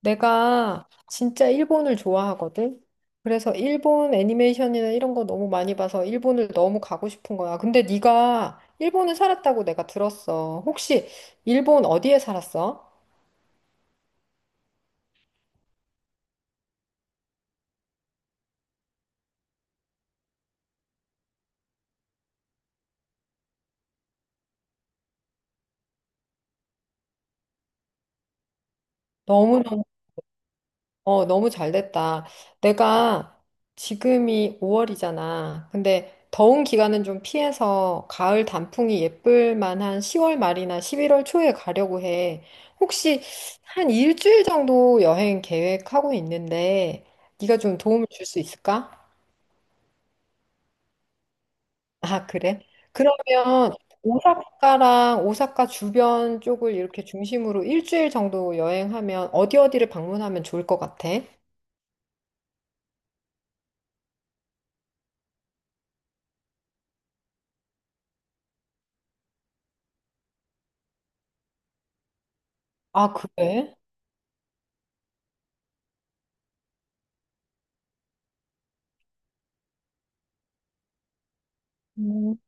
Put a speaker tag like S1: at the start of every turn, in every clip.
S1: 내가 진짜 일본을 좋아하거든? 그래서 일본 애니메이션이나 이런 거 너무 많이 봐서 일본을 너무 가고 싶은 거야. 근데 네가 일본에 살았다고 내가 들었어. 혹시 일본 어디에 살았어? 너무너무. 너무 잘 됐다. 내가 지금이 5월이잖아. 근데 더운 기간은 좀 피해서 가을 단풍이 예쁠 만한 10월 말이나 11월 초에 가려고 해. 혹시 한 일주일 정도 여행 계획하고 있는데 네가 좀 도움을 줄 수 있을까? 아, 그래? 그러면 오사카랑 오사카 주변 쪽을 이렇게 중심으로 일주일 정도 여행하면 어디 어디를 방문하면 좋을 것 같아? 아, 그래? 음.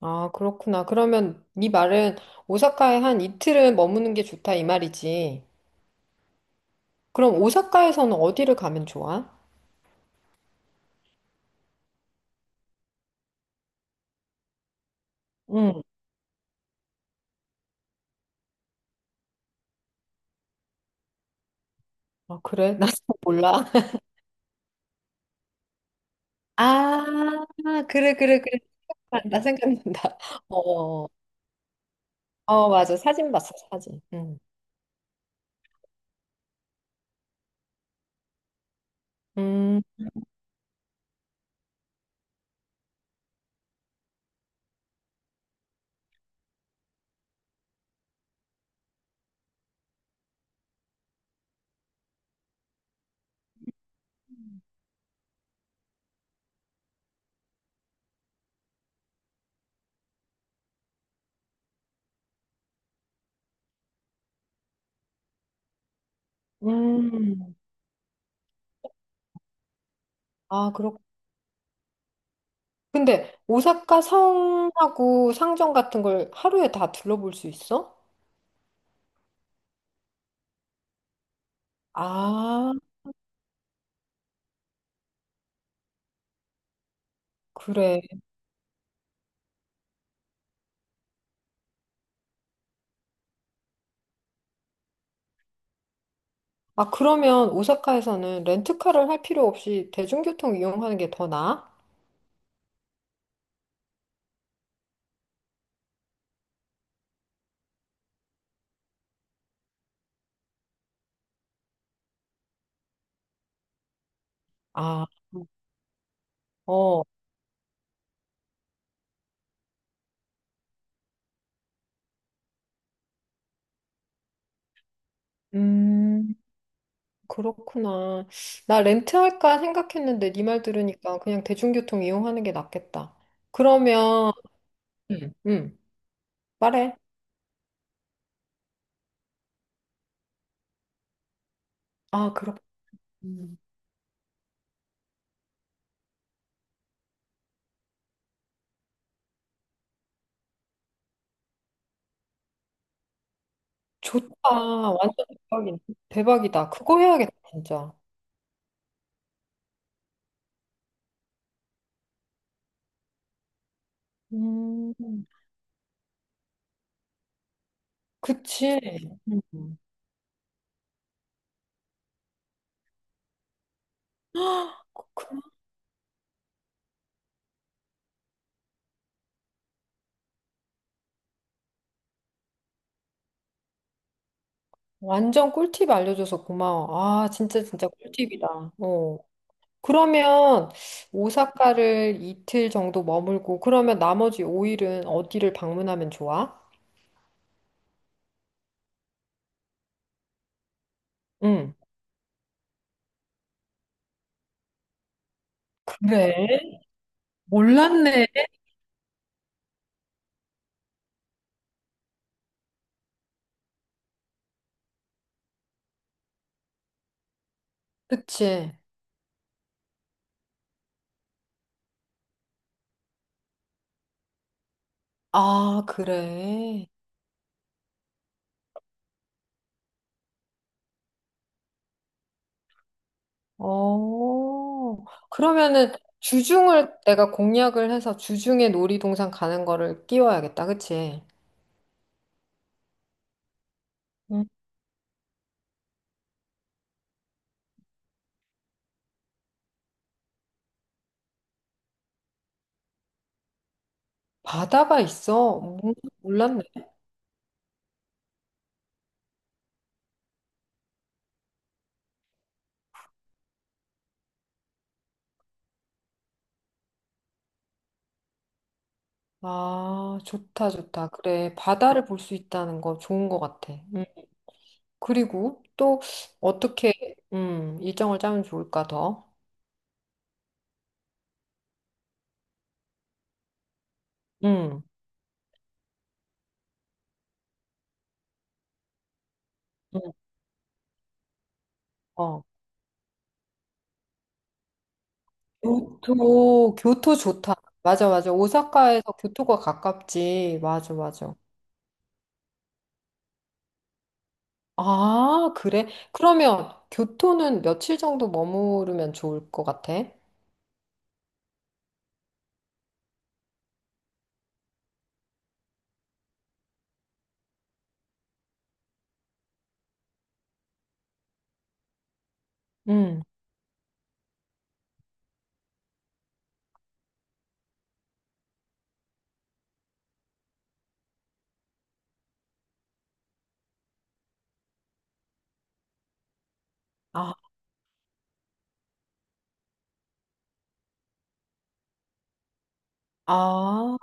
S1: 아, 그렇구나. 그러면 네 말은 오사카에 한 이틀은 머무는 게 좋다 이 말이지. 그럼 오사카에서는 어디를 가면 좋아? 응. 아, 그래? 나 몰라. 아, 그래, 그래, 그래. 나 생각난다. 어, 어, 맞아. 사진 봤어, 사진. 응. 음, 음. 아, 그렇. 근데 오사카 성하고 상점 같은 걸 하루에 다 둘러볼 수 있어? 아, 그래. 아, 그러면 오사카에서는 렌트카를 할 필요 없이 대중교통 이용하는 게 더 나아? 아, 어, 음, 그렇구나. 나 렌트할까 생각했는데 네 말 들으니까 그냥 대중교통 이용하는 게 낫겠다. 그러면, 음, 음, 말해. 아, 그렇, 음, 좋다. 완전 대박이다. 그거 해야겠다, 진짜. 음, 그치. 음. 완전 꿀팁 알려줘서 고마워. 아, 진짜, 진짜 꿀팁이다. 어. 그러면 오사카를 이틀 정도 머물고 그러면 나머지 5일은 어디를 방문하면 좋아? 응. 그래? 몰랐네. 그치. 아, 그래. 어. 그러면은 주중을 내가 공략을 해서 주중에 놀이동산 가는 거를 끼워야겠다, 그치? 응. 바다가 있어? 몰랐네. 아, 좋다, 좋다. 그래. 바다를 볼 수 있다는 거 좋은 거 같아. 응. 그리고 또 어떻게 일정을 짜면 좋을까 더? 음, 음, 어. 교토, 교토 좋다. 맞아, 맞아. 오사카에서 교토가 가깝지. 맞아, 맞아. 아, 그래? 그러면 교토는 며칠 정도 머무르면 좋을 것 같아? 음. 아, 아,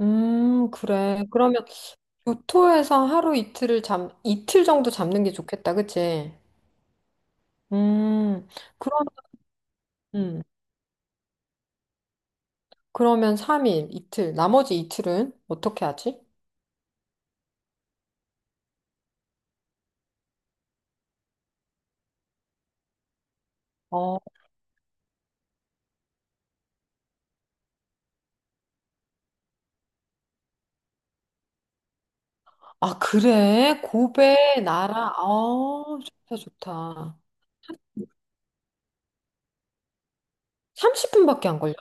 S1: 그래. 그러면 교토에서 이틀 정도 잡는 게 좋겠다, 그치? 음, 그럼, 음. 그러면 3일, 이틀, 나머지 이틀은 어떻게 하지? 어, 아, 그래? 고베, 나라, 어, 좋다, 좋다. 30분밖에 안 걸려.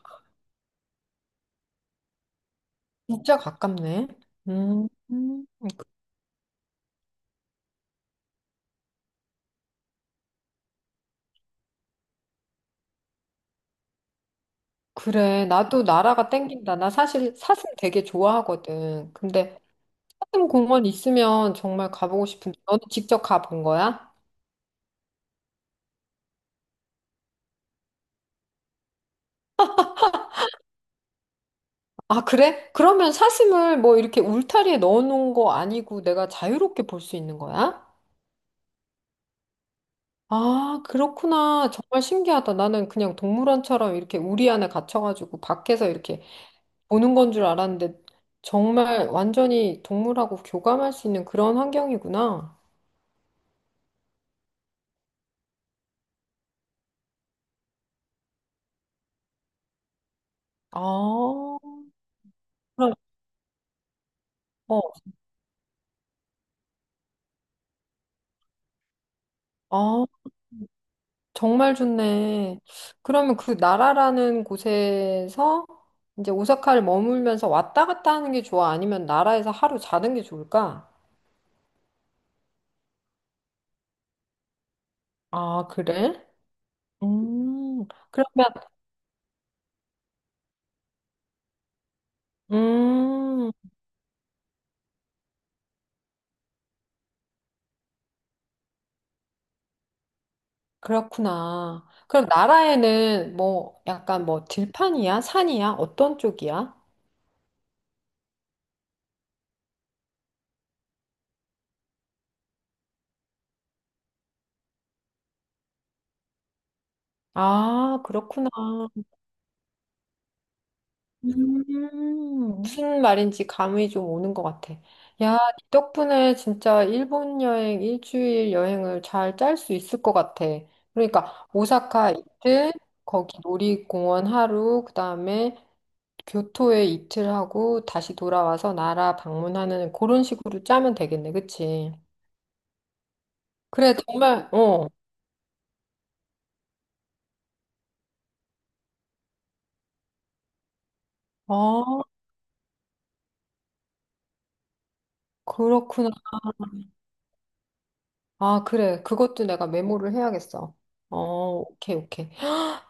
S1: 진짜 가깝네. 음, 음, 그- 그래. 나도 나라가 땡긴다. 나 사실 사슴 되게 좋아하거든. 근데 사슴 공원 있으면 정말 가보고 싶은데, 너는 직접 가본 거야? 아, 그래? 그러면 사슴을 뭐 이렇게 울타리에 넣어놓은 거 아니고 내가 자유롭게 볼 수 있는 거야? 아, 그렇구나. 정말 신기하다. 나는 그냥 동물원처럼 이렇게 우리 안에 갇혀가지고 밖에서 이렇게 보는 건 줄 알았는데 정말 완전히 동물하고 교감할 수 있는 그런 환경이구나. 아, 그럼, 어, 아, 정말 좋네. 그러면 그 나라라는 곳에서 이제 오사카를 머물면서 왔다 갔다 하는 게 좋아? 아니면 나라에서 하루 자는 게 좋을까? 아, 그래? 음, 그러면, 음. 그렇구나. 그럼 나라에는 뭐 약간 뭐 들판이야? 산이야? 어떤 쪽이야? 아, 그렇구나. 무슨 말인지 감이 좀 오는 것 같아. 야, 이 덕분에 진짜 일본 여행, 일주일 여행을 잘 짤 수 있을 것 같아. 그러니까 오사카 이틀, 거기 놀이공원 하루, 그다음에 교토에 이틀 하고 다시 돌아와서 나라 방문하는 그런 식으로 짜면 되겠네, 그치? 그래, 정말, 어. 아, 그렇구나. 아, 그래. 그것도 내가 메모를 해야겠어. 어, 오케이, 오케이.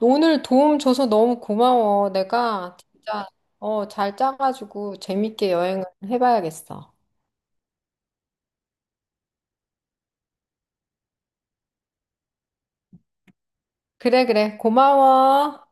S1: 오늘 도움 줘서 너무 고마워. 내가 진짜, 잘 짜가지고 재밌게 여행을 해봐야겠어. 그래, 그래. 고마워.